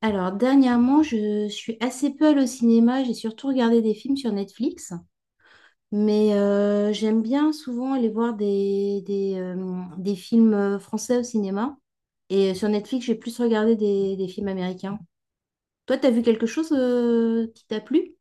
Alors, dernièrement, je suis assez peu allée au cinéma. J'ai surtout regardé des films sur Netflix. Mais j'aime bien souvent aller voir des films français au cinéma. Et sur Netflix, j'ai plus regardé des films américains. Toi, t'as vu quelque chose qui t'a plu?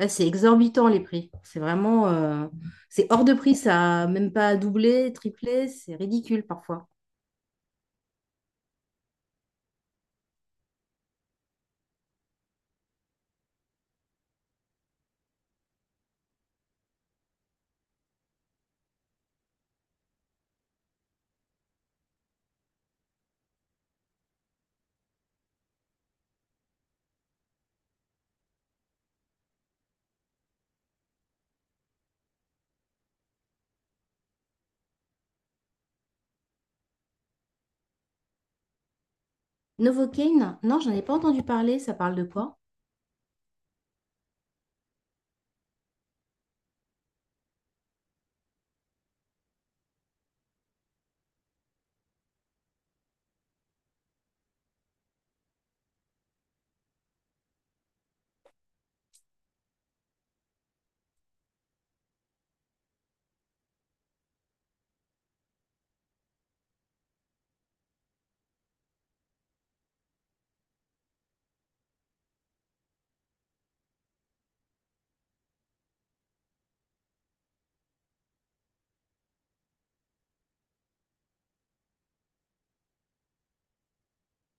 Ah, c'est exorbitant les prix. C'est vraiment. C'est hors de prix, ça. Même pas doublé, triplé. C'est ridicule parfois. Novocaine? Non, j'en ai pas entendu parler. Ça parle de quoi?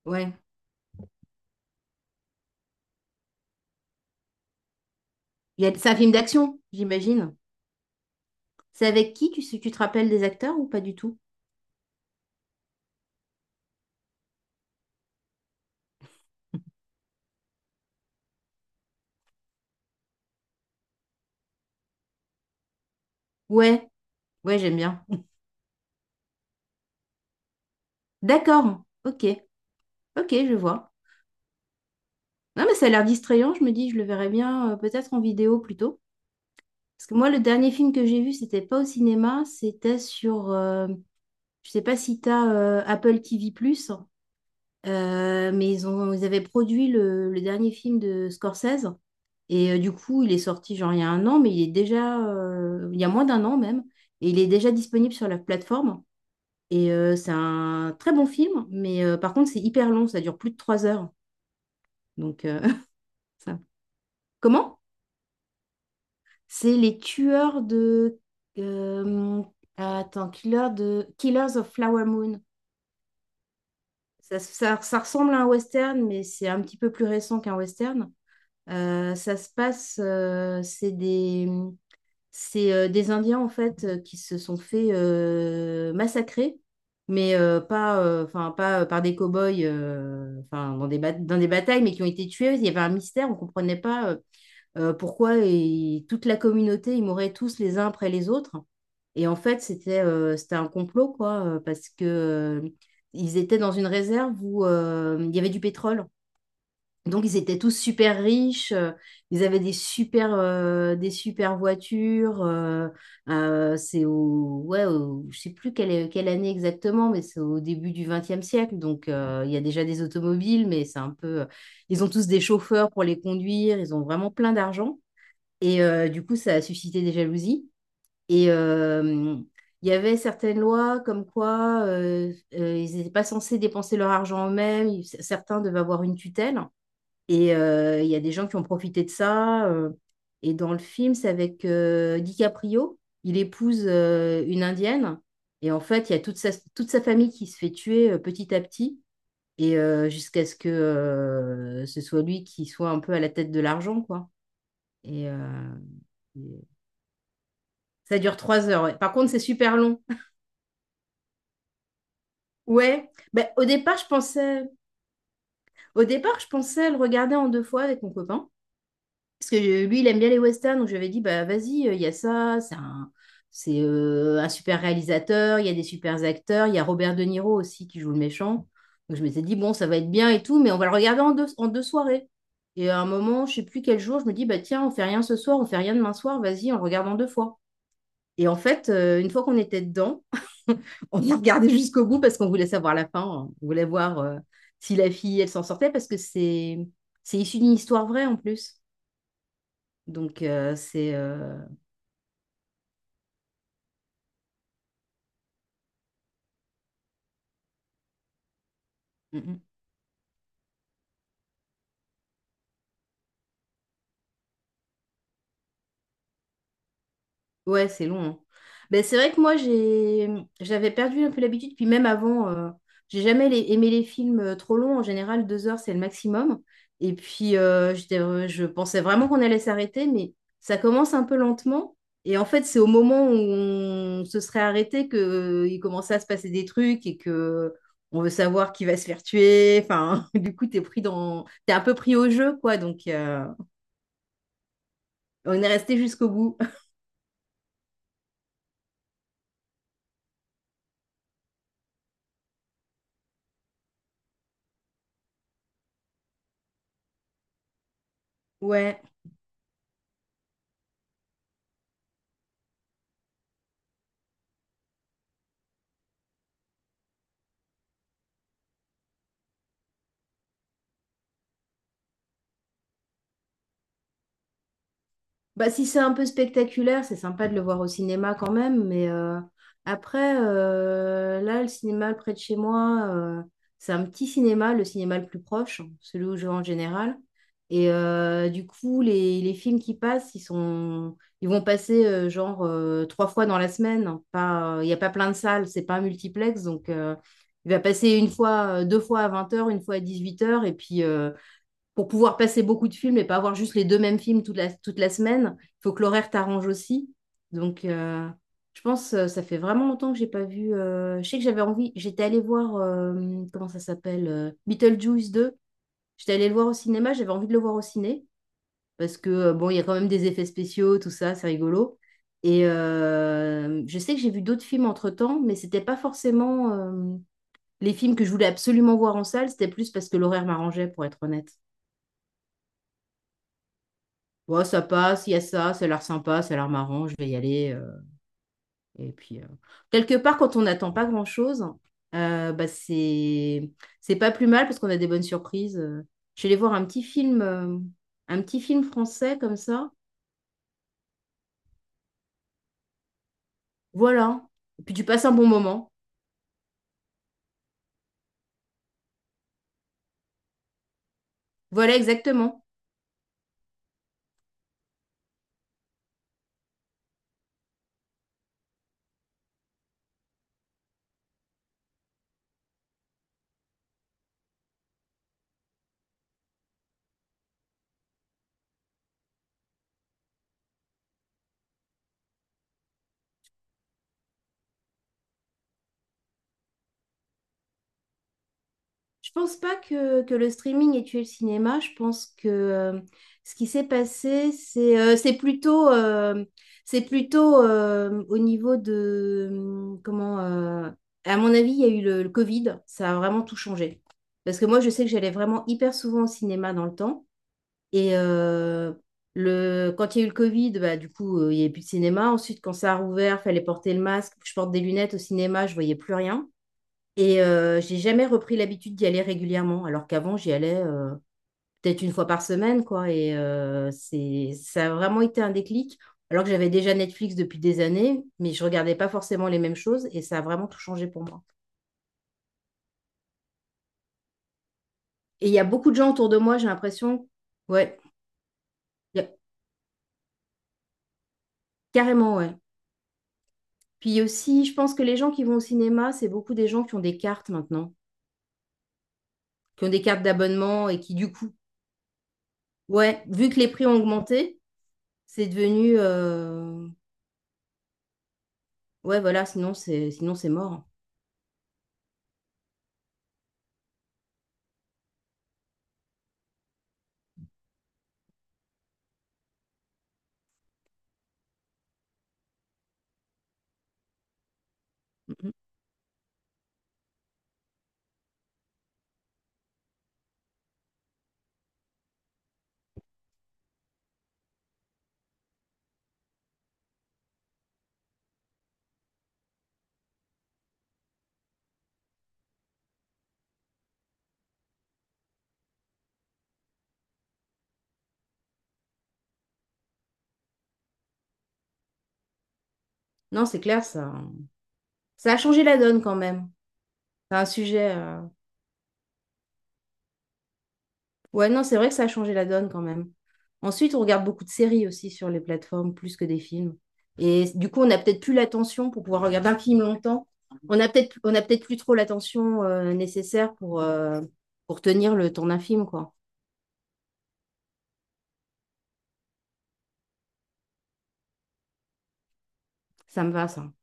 Ouais. C'est un film d'action, j'imagine. C'est avec qui? Tu sais, tu te rappelles des acteurs ou pas du tout? Ouais, ouais, j'aime bien. D'accord, ok, ok, je vois. Non, mais ça a l'air distrayant, je me dis, je le verrai bien peut-être en vidéo plutôt. Parce que moi, le dernier film que j'ai vu, c'était pas au cinéma, c'était sur, je sais pas si t'as Apple TV+, mais ils ont, ils avaient produit le dernier film de Scorsese. Et du coup, il est sorti genre il y a un an, mais il est déjà, il y a moins d'un an même, et il est déjà disponible sur la plateforme. Et c'est un très bon film, mais par contre, c'est hyper long, ça dure plus de 3 heures. Donc, ça. Comment? C'est les tueurs de, euh, attends, killer de, Killers of Flower Moon. Ça ressemble à un western, mais c'est un petit peu plus récent qu'un western. Ça se passe, c'est des Indiens en fait qui se sont fait massacrer, mais pas, enfin pas par des cow-boys, enfin dans des batailles, mais qui ont été tués. Il y avait un mystère, on comprenait pas pourquoi et toute la communauté ils mouraient tous les uns après les autres. Et en fait c'était un complot quoi, parce que ils étaient dans une réserve où il y avait du pétrole. Donc, ils étaient tous super riches, ils avaient des super voitures. C'est ouais, je sais plus quelle année exactement, mais c'est au début du XXe siècle. Donc, il y a déjà des automobiles, mais c'est un peu. Ils ont tous des chauffeurs pour les conduire, ils ont vraiment plein d'argent. Et du coup, ça a suscité des jalousies. Et il y avait certaines lois comme quoi ils n'étaient pas censés dépenser leur argent eux-mêmes, certains devaient avoir une tutelle. Et il y a des gens qui ont profité de ça. Et dans le film, c'est avec DiCaprio. Il épouse une Indienne. Et en fait, il y a toute sa famille qui se fait tuer petit à petit. Et jusqu'à ce que ce soit lui qui soit un peu à la tête de l'argent, quoi. Et, euh, Ça dure 3 heures. Ouais. Par contre, c'est super long. Ouais. Ben, au départ, je pensais le regarder en deux fois avec mon copain. Parce que lui, il aime bien les westerns, donc je lui avais dit, bah vas-y, il y a ça, un super réalisateur, il y a des super acteurs, il y a Robert De Niro aussi qui joue le méchant. Donc je m'étais dit, bon, ça va être bien et tout, mais on va le regarder en deux soirées. Et à un moment, je sais plus quel jour, je me dis, bah tiens, on fait rien ce soir, on fait rien demain soir, vas-y, on le regarde en deux fois. Et en fait, une fois qu'on était dedans, on a regardé jusqu'au bout parce qu'on voulait savoir la fin, hein. On voulait voir si la fille, elle s'en sortait, parce que c'est issu d'une histoire vraie en plus. Donc, euh, c'est... euh, mm, mm. Ouais, c'est long, hein. Ben, c'est vrai que moi, j'avais perdu un peu l'habitude. Puis même avant, j'ai jamais aimé les films trop longs. En général, 2 heures, c'est le maximum. Et puis, je pensais vraiment qu'on allait s'arrêter, mais ça commence un peu lentement. Et en fait, c'est au moment où on se serait arrêté que il commençait à se passer des trucs et que on veut savoir qui va se faire tuer. Enfin, du coup, t'es un peu pris au jeu, quoi. Donc, on est resté jusqu'au bout. Ouais. Bah, si c'est un peu spectaculaire, c'est sympa de le voir au cinéma quand même, mais après, là, le cinéma près de chez moi, c'est un petit cinéma le plus proche, celui où je vais en général. Et du coup, les films qui passent, ils vont passer genre trois fois dans la semaine. Pas, il n'y a pas plein de salles, c'est pas un multiplex, donc il va passer une fois, deux fois à 20 heures, une fois à 18 heures, et puis pour pouvoir passer beaucoup de films et pas avoir juste les deux mêmes films toute la semaine, il faut que l'horaire t'arrange aussi. Donc, je pense, ça fait vraiment longtemps que j'ai pas vu. Je sais que j'avais envie, j'étais allée voir, comment ça s'appelle Beetlejuice 2. J'étais allée le voir au cinéma, j'avais envie de le voir au ciné parce que, bon, il y a quand même des effets spéciaux, tout ça, c'est rigolo. Et je sais que j'ai vu d'autres films entre-temps, mais c'était pas forcément les films que je voulais absolument voir en salle, c'était plus parce que l'horaire m'arrangeait, pour être honnête. Ouais, ça passe, il y a ça, ça a l'air sympa, ça a l'air marrant, je vais y aller. Et puis, quelque part, quand on n'attend pas grand-chose, bah, c'est pas plus mal parce qu'on a des bonnes surprises. Je suis allée voir un petit film français comme ça. Voilà. Et puis tu passes un bon moment. Voilà, exactement. Je pense pas que le streaming ait tué le cinéma. Je pense que ce qui s'est passé, c'est plutôt au niveau de... à mon avis, il y a eu le Covid. Ça a vraiment tout changé. Parce que moi, je sais que j'allais vraiment hyper souvent au cinéma dans le temps. Et quand il y a eu le Covid, bah, du coup, il n'y avait plus de cinéma. Ensuite, quand ça a rouvert, fallait porter le masque. Je porte des lunettes au cinéma, je voyais plus rien. Et j'ai jamais repris l'habitude d'y aller régulièrement, alors qu'avant, j'y allais peut-être une fois par semaine, quoi. Et ça a vraiment été un déclic, alors que j'avais déjà Netflix depuis des années, mais je regardais pas forcément les mêmes choses, et ça a vraiment tout changé pour moi. Et il y a beaucoup de gens autour de moi, j'ai l'impression, ouais, y a- carrément, ouais. Puis aussi, je pense que les gens qui vont au cinéma, c'est beaucoup des gens qui ont des cartes maintenant, qui ont des cartes d'abonnement et qui, du coup, ouais, vu que les prix ont augmenté, c'est devenu... Ouais, voilà, sinon c'est mort. Mhm. Non, c'est clair, ça, hein. Ça a changé la donne quand même. C'est un sujet. Ouais, non, c'est vrai que ça a changé la donne quand même. Ensuite, on regarde beaucoup de séries aussi sur les plateformes, plus que des films. Et du coup, on n'a peut-être plus l'attention pour pouvoir regarder un film longtemps. On a peut-être plus trop l'attention nécessaire pour tenir le temps d'un film, quoi. Ça me va, ça.